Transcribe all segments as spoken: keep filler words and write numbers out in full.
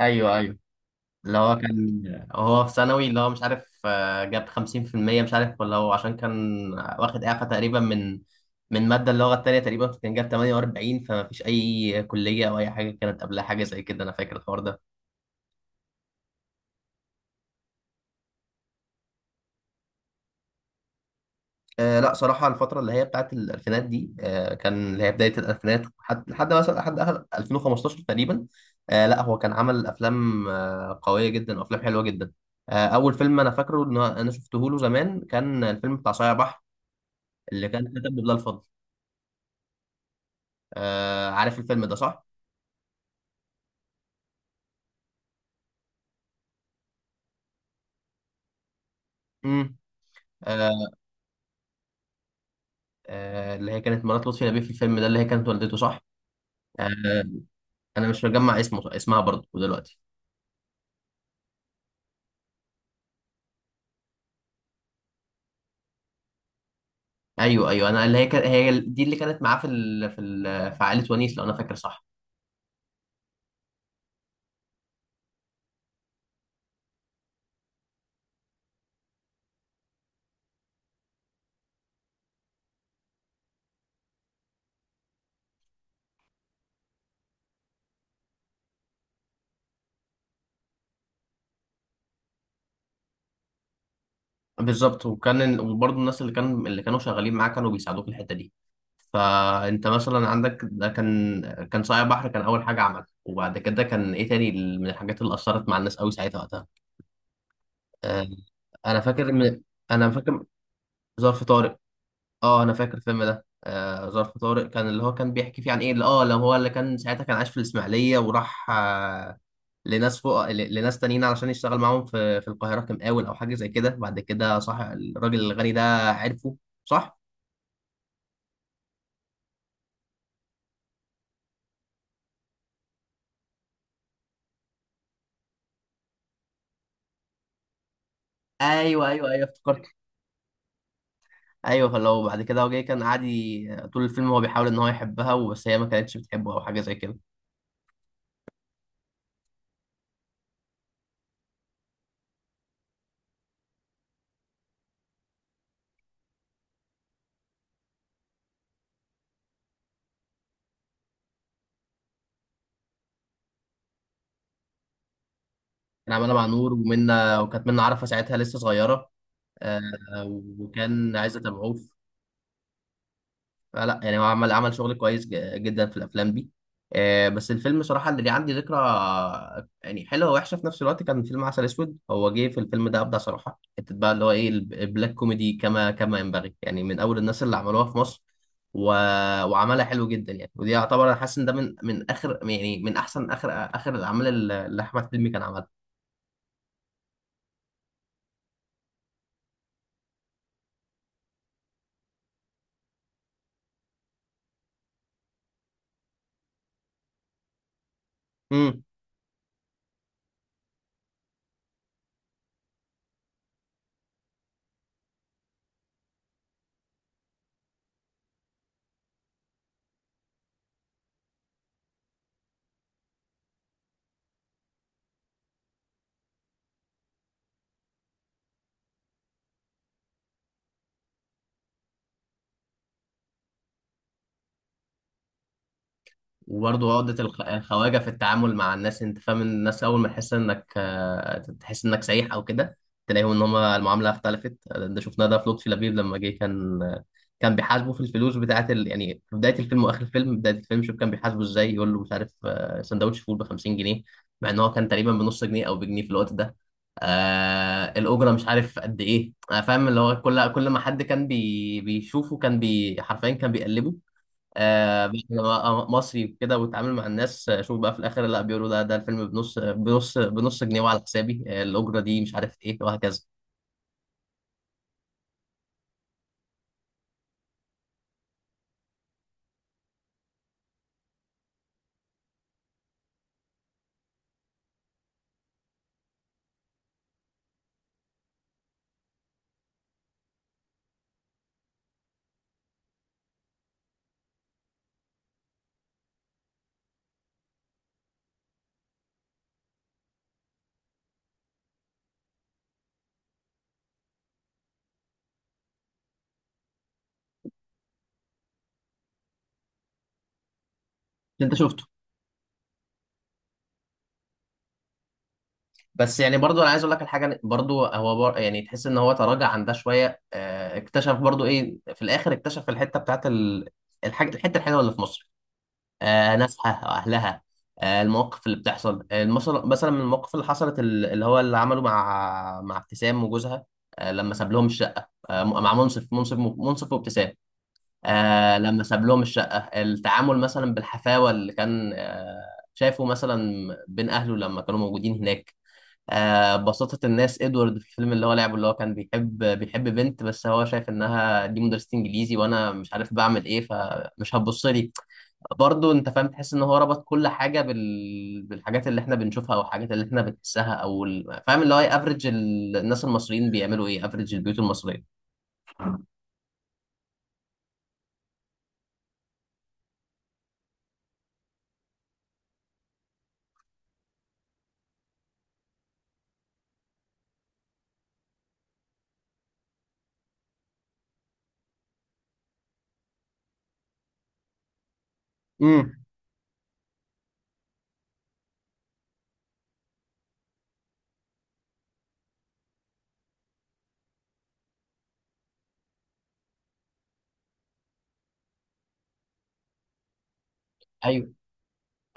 ايوه، ايوه. اللي هو كان هو في ثانوي اللي هو مش عارف، آه، جاب خمسين في المية. مش عارف ولا هو عشان كان واخد إعفاء تقريبا من من مادة اللغة التانية تقريبا. كان جاب تمانية واربعين فما فيش أي كلية أو أي حاجة كانت قبلها حاجة زي كده. أنا فاكر الحوار ده. آه لا صراحة الفترة اللي هي بتاعت الألفينات دي، آه كان اللي هي بداية الألفينات، حد- لحد مثلا لحد آخر الفين وخمسة عشر تقريبا. آه لا هو كان عمل أفلام آه قوية جدا وأفلام حلوة جدا. آه، اول فيلم انا فاكره ان انا شفته له زمان كان الفيلم بتاع صايع بحر، اللي كان كاتب لله الفضل. آه عارف الفيلم ده صح؟ امم. آه آه اللي هي كانت مرات لطفي لبيب في الفيلم ده، اللي هي كانت والدته صح؟ آه انا مش مجمع اسمه، اسمها برضه دلوقتي. ايوه ايوه، انا اللي هي كان هي دي اللي كانت معاه في ال... في ال... في عائله ونيس لو انا فاكر صح. بالظبط. وكان ال- وبرضه الناس اللي كان اللي كانوا شغالين معاه كانوا بيساعدوه في الحته دي. فانت مثلا عندك ده كان كان صايع بحر كان اول حاجه عملها. وبعد كده كان ايه تاني من الحاجات اللي اثرت مع الناس قوي ساعتها وقتها؟ آه، انا فاكر من انا فاكر ظرف طارق. اه انا فاكر الفيلم ده، آه، ظرف طارق، كان اللي هو كان بيحكي فيه عن ايه اللي اه اللي هو اللي كان ساعتها كان عايش في الاسماعيليه وراح، آه، لناس فوق، ل- لناس تانيين علشان يشتغل معاهم في في القاهره كمقاول او حاجه زي كده. بعد كده صح الراجل الغني ده عرفه صح. ايوه ايوه ايوه، افتكرت. ايوه، فلو بعد كده هو جاي كان قاعد ي- طول الفيلم هو بيحاول ان هو يحبها وبس، هي ما كانتش بتحبه او حاجه زي كده. كان عماله مع نور ومنى، وكانت منى عارفه ساعتها لسه صغيره. آه، وكان عايز اتابعه ف- فلا، يعني هو عمل عمل شغل كويس ج- جدا في الافلام دي. آه، بس الفيلم صراحه اللي ليه عندي ذكرى يعني حلوه ووحشه في نفس الوقت كان فيلم عسل اسود. هو جه في الفيلم ده ابدع صراحه حته بقى، اللي هو ايه، الب- البلاك كوميدي كما كما ينبغي، يعني من اول الناس اللي عملوها في مصر. و... وعملها حلو جدا يعني. ودي يعتبر انا حاسس ان ده من، من اخر يعني، من احسن اخر اخر الاعمال اللي اللي احمد حلمي كان عملها. وبرضه عقدة الخ- الخواجة في التعامل مع الناس. انت فاهم إن الناس اول ما تحس انك آه، تحس انك سايح او كده، تلاقيهم ان هم المعاملة اختلفت. آه، ده شفناه ده في لطفي لبيب لما جه، كان كان بيحاسبه في الفلوس بتاعت ال... يعني في بداية الفيلم واخر الفيلم. بداية الفيلم شوف كان بيحاسبه ازاي، يقول له مش عارف، آه، سندوتش فول ب خمسين جنيه، مع ان هو كان تقريبا بنص جنيه او بجنيه في الوقت ده. آه الاجره مش عارف قد ايه. آه فاهم اللي هو كل كل ما حد كان بي... بيشوفه، كان بي حرفيا كان بيقلبه. آه بقى أنا مصري وكده واتعامل مع الناس. آه، شوف بقى في الاخر لا بيقولوا لا ده الفيلم بنص، بنص بنص جنيه وعلى حسابي. آه، الاجره دي مش عارف ايه وهكذا. اللي انت شفته. بس يعني برضو انا عايز اقول لك الحاجه، برضو هو بر... يعني تحس ان هو تراجع عن ده شويه. آه، اكتشف برضو ايه في الاخر، اكتشف الحته بتاعت ال... الحاجه، الحته الحلوه اللي في مصر. آه، ناسها واهلها. آه، المواقف اللي بتحصل المثل- مثلا، من المواقف اللي حصلت ال- اللي هو اللي عمله مع مع ابتسام وجوزها. آه، لما ساب لهم الشقه، آه، مع منصف، منصف منصف وابتسام. آه، لما ساب لهم الشقه، التعامل مثلا بالحفاوه اللي كان، آه، شايفه مثلا بين اهله لما كانوا موجودين هناك. آه، بساطة الناس. ادوارد في الفيلم اللي هو لعبه، اللي هو كان بيحب بيحب بنت، بس هو شايف انها دي مدرسة انجليزي وانا مش عارف بعمل ايه فمش هتبص لي. برضه انت فاهم تحس ان هو ربط كل حاجه بال... بالحاجات اللي احنا بنشوفها، او الحاجات اللي احنا بنحسها او ال... فاهم اللي هو ايه افريج الناس المصريين، بيعملوا ايه افريج البيوت المصريه. امم.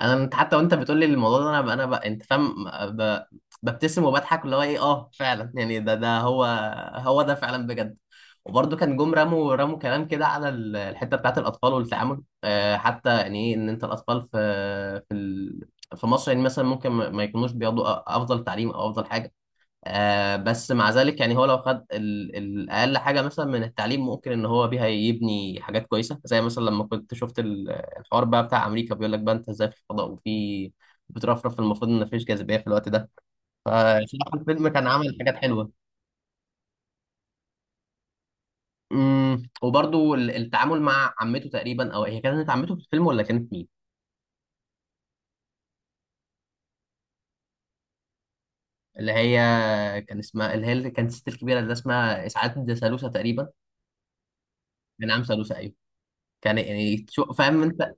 انا انت حتى وانت بتقول لي الموضوع ده، انا ب... انا ب... انت فاهم ب... ببتسم وبضحك اللي هو ايه. اه فعلا يعني، ده ده هو، هو ده فعلا بجد. وبرضه كان جم رموا رموا كلام كده على ال- الحته بتاعت الاطفال والتعامل. آه حتى يعني ايه ان انت الاطفال في، في ال... في مصر يعني مثلا ممكن ما ما يكونوش بياخدوا أ- افضل تعليم او افضل حاجه. آه بس مع ذلك يعني هو لو خد ال- الأقل حاجة مثلا من التعليم ممكن إن هو بيها يبني حاجات كويسة، زي مثلا لما كنت شفت ال- الحوار بقى بتاع أمريكا. بيقول لك بقى أنت إزاي في الفضاء وفي بترفرف، المفروض إن مفيش جاذبية في الوقت ده. فصراحة الفيلم كان عامل حاجات حلوة. امم وبرضو ال- التعامل مع عمته تقريبا، أو هي كانت عمته في الفيلم ولا كانت مين؟ اللي هي كان اسمها، اللي هي اللي كانت الست الكبيرة اللي اسمها إسعاد سالوسة تقريبا. من عم سالوسة أيوه. كان يعني شو- فاهم أنت.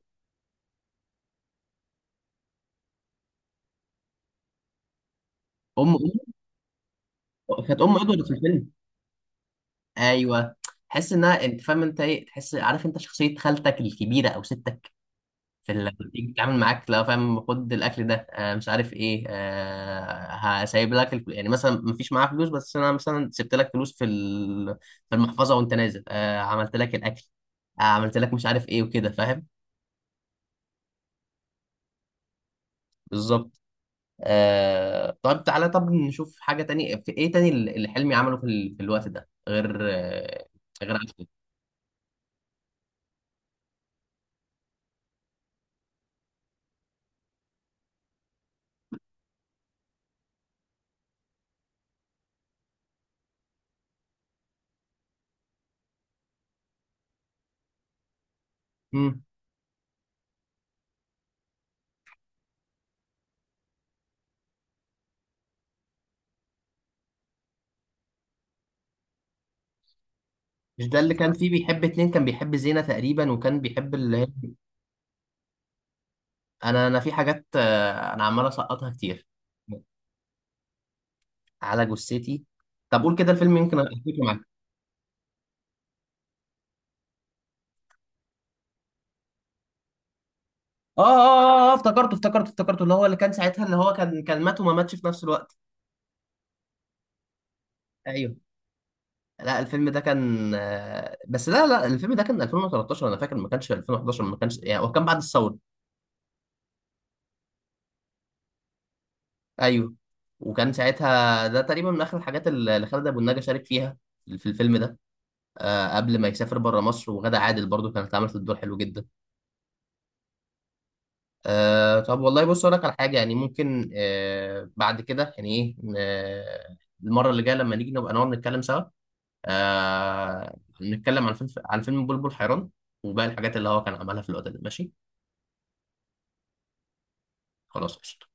أم. كانت ام ادوارد في الفيلم. ايوه. تحس انها، انت فاهم انت ايه، تحس عارف انت شخصيه خالتك الكبيره او ستك في اللي بتيجي تتعامل معاك، لا فاهم خد الاكل ده، آه مش عارف ايه، آه هسيب لك الفل... يعني مثلا ما فيش معاها فلوس بس انا مثلا سبت لك فلوس في ال... في المحفظه وانت نازل. آه عملت لك الاكل، آه عملت لك مش عارف ايه وكده فاهم. بالظبط. آه طب تعالى طب نشوف حاجه تانية في ايه تاني اللي حلمي عمله في، ال... في الوقت ده غير آه غير عسل. مش ده اللي كان فيه بيحب اتنين، كان بيحب زينة تقريبا وكان بيحب اللي هي. انا انا في حاجات، آه، انا عمال اسقطها كتير. على جثتي. طب قول كده الفيلم يمكن افتكره معاك. اه اه اه آه، آه، افتكرته افتكرته افتكرته، اللي هو اللي كان ساعتها اللي هو كان كان مات وما ماتش في نفس الوقت. ايوه. لا الفيلم ده كان، آه، بس لا لا الفيلم ده كان الفين وتلتاشر انا فاكر، ما كانش الفين وحداشر، ما كانش يعني هو كان بعد الثوره. ايوه. وكان ساعتها ده تقريبا من اخر الحاجات اللي خالد ابو النجا شارك فيها في الفيلم ده. آه، قبل ما يسافر بره مصر. وغادة عادل برضو كانت عملت الدور حلو جدا. آه، طب والله بص اقول لك على حاجه يعني ممكن، آه، بعد كده يعني ايه. آه، المره اللي جايه لما نيجي نبقى نقعد نتكلم سوا، آه، نتكلم عن فيلم، عن فيلم بلبل حيران وباقي الحاجات اللي هو كان عملها في الوقت ده. ماشي. خلاص قشطة.